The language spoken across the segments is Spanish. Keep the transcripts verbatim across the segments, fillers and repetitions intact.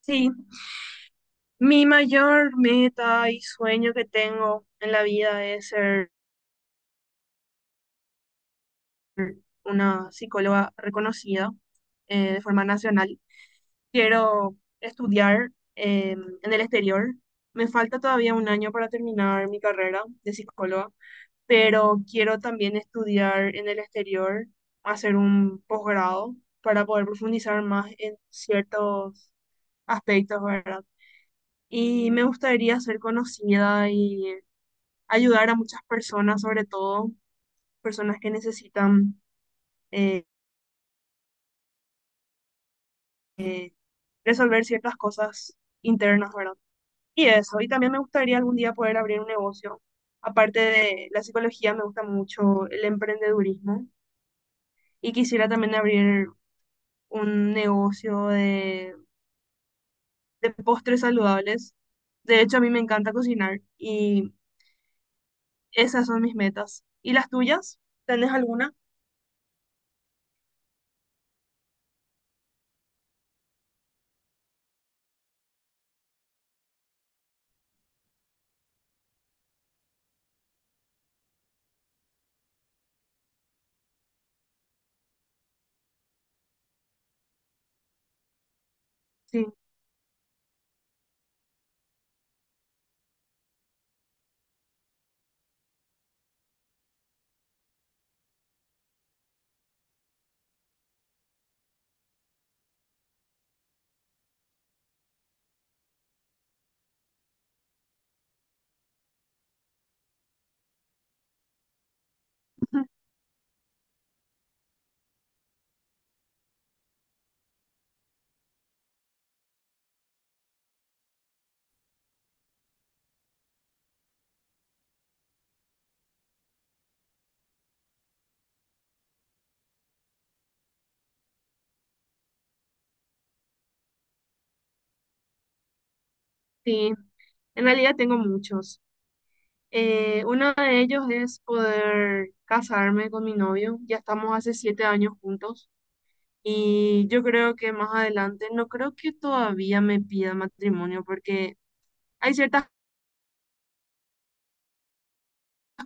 Sí, mi mayor meta y sueño que tengo en la vida es ser una psicóloga reconocida eh, de forma nacional. Quiero estudiar eh, en el exterior. Me falta todavía un año para terminar mi carrera de psicóloga, pero quiero también estudiar en el exterior, hacer un posgrado para poder profundizar más en ciertos aspectos, ¿verdad? Y me gustaría ser conocida y ayudar a muchas personas, sobre todo personas que necesitan eh, resolver ciertas cosas internas, ¿verdad? Y eso, y también me gustaría algún día poder abrir un negocio. Aparte de la psicología, me gusta mucho el emprendedurismo y quisiera también abrir un negocio de, de postres saludables. De hecho, a mí me encanta cocinar y esas son mis metas. ¿Y las tuyas? ¿Tenés alguna? Sí, sí. En realidad tengo muchos. Eh, uno de ellos es poder casarme con mi novio. Ya estamos hace siete años juntos y yo creo que más adelante no creo que todavía me pida matrimonio porque hay ciertas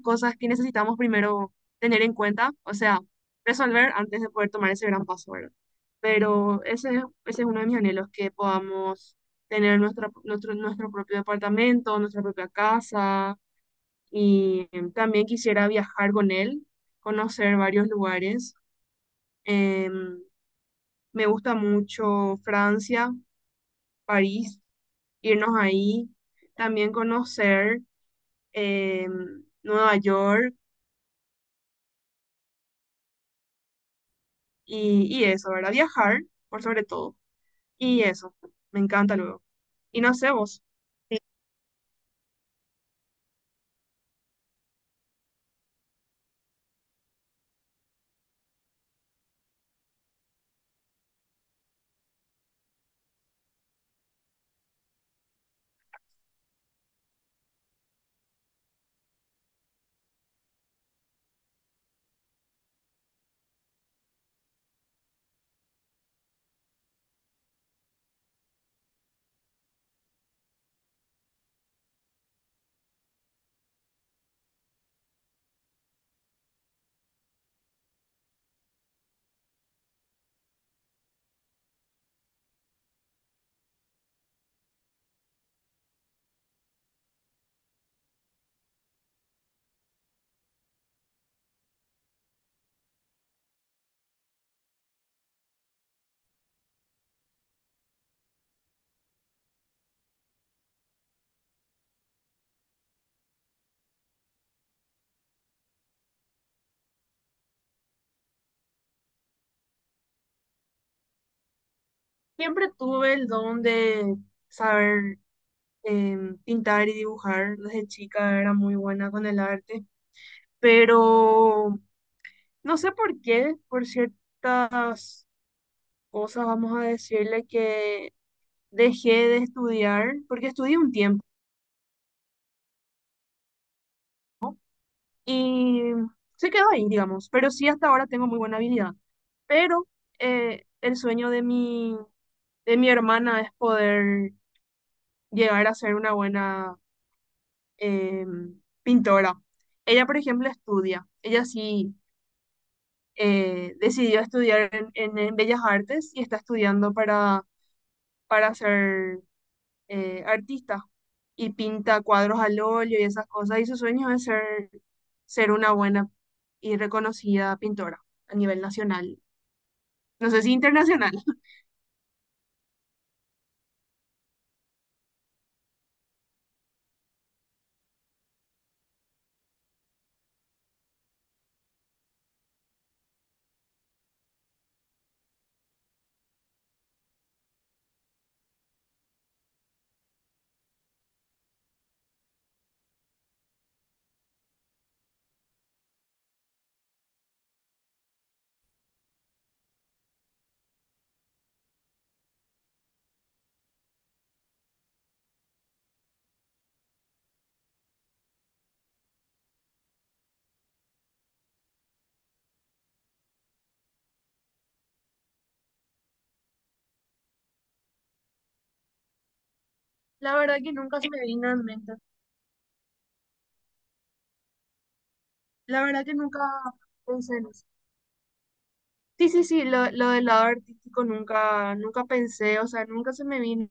cosas que necesitamos primero tener en cuenta, o sea, resolver antes de poder tomar ese gran paso, ¿verdad? Pero ese, es- ese es uno de mis anhelos, que podamos tener nuestra, nuestro, nuestro propio departamento, nuestra propia casa y em, también quisiera viajar con él, conocer varios lugares. Em, Me gusta mucho Francia, París, irnos ahí, también conocer em, Nueva York y, y eso, ¿verdad? Viajar, por sobre todo. Y eso, me encanta luego. Y no sé vos, siempre tuve el don de saber em, pintar y dibujar. Desde chica era muy buena con el arte, pero no sé por qué, por ciertas cosas, vamos a decirle que dejé de estudiar, porque estudié un tiempo y se quedó ahí, digamos, pero sí hasta ahora tengo muy buena habilidad. Pero eh, el sueño de mi, de mi hermana es poder llegar a ser una buena eh, pintora. Ella, por ejemplo, estudia. Ella sí eh, decidió estudiar en, en en Bellas Artes y está estudiando para, para ser eh, artista y pinta cuadros al óleo y esas cosas. Y su sueño es ser, ser una buena y reconocida pintora a nivel nacional. No sé si internacional. La verdad que nunca se me vino en mente. La verdad que nunca pensé en eso. Sí, sí, sí, lo, lo del lado artístico nunca, nunca pensé, o sea, nunca se me vino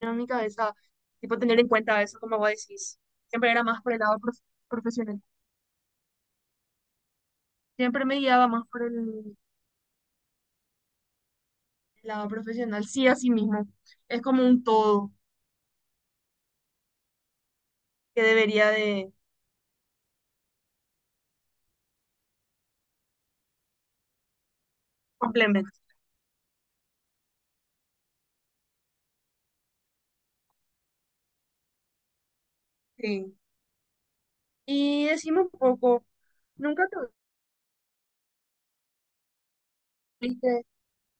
a mi cabeza, tipo, tener en cuenta eso, como vos decís. Siempre era más por el lado prof- profesional. Siempre me guiaba más por el el lado profesional, sí, así mismo. Es como un todo que debería de complementar. Sí. Y decimos un poco, ¿nunca tuviste,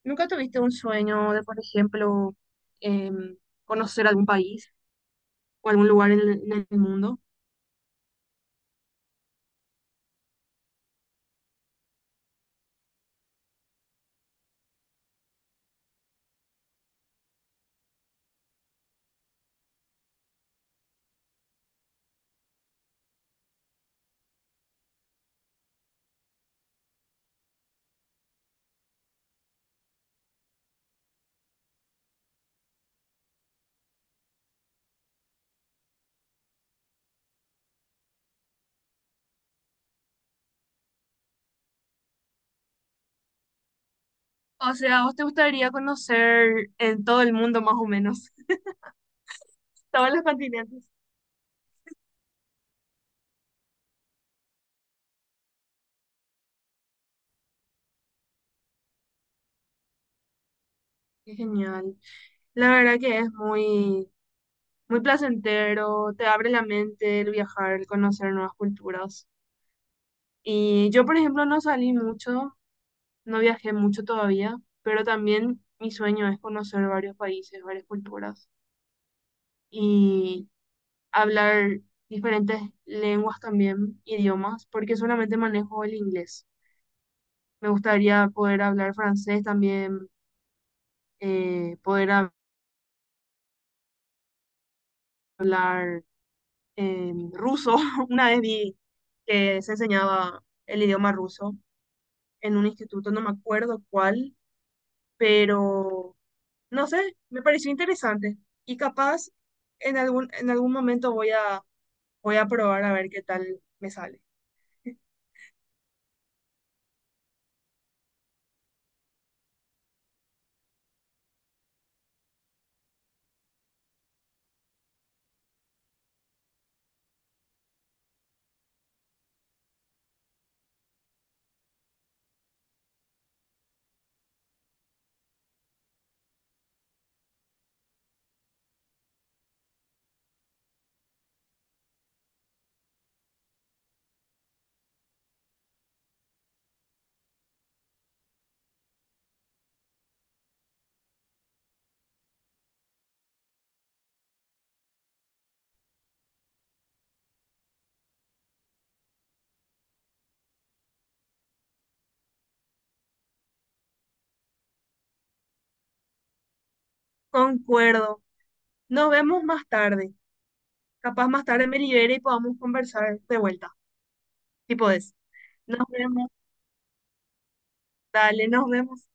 ¿nunca tuviste un sueño de, por ejemplo, em, conocer algún país o algún lugar en, el en el mundo? O sea, ¿a ¿vos te gustaría conocer en todo el mundo más o menos? Todos los continentes. Qué genial. La verdad que es muy, muy placentero, te abre la mente el viajar, el conocer nuevas culturas. Y yo, por ejemplo, no salí mucho, no viajé mucho todavía, pero también mi sueño es conocer varios países, varias culturas y hablar diferentes lenguas también, idiomas, porque solamente manejo el inglés. Me gustaría poder hablar francés también, eh, poder hab- hablar eh, ruso. Una vez vi que se enseñaba el idioma ruso en un instituto, no me acuerdo cuál, pero no sé, me pareció interesante y capaz en algún, en algún momento voy a, voy a probar a ver qué tal me sale. Concuerdo. Nos vemos más tarde. Capaz más tarde me libere y podamos conversar de vuelta. Si podés. Nos vemos. Dale, nos vemos.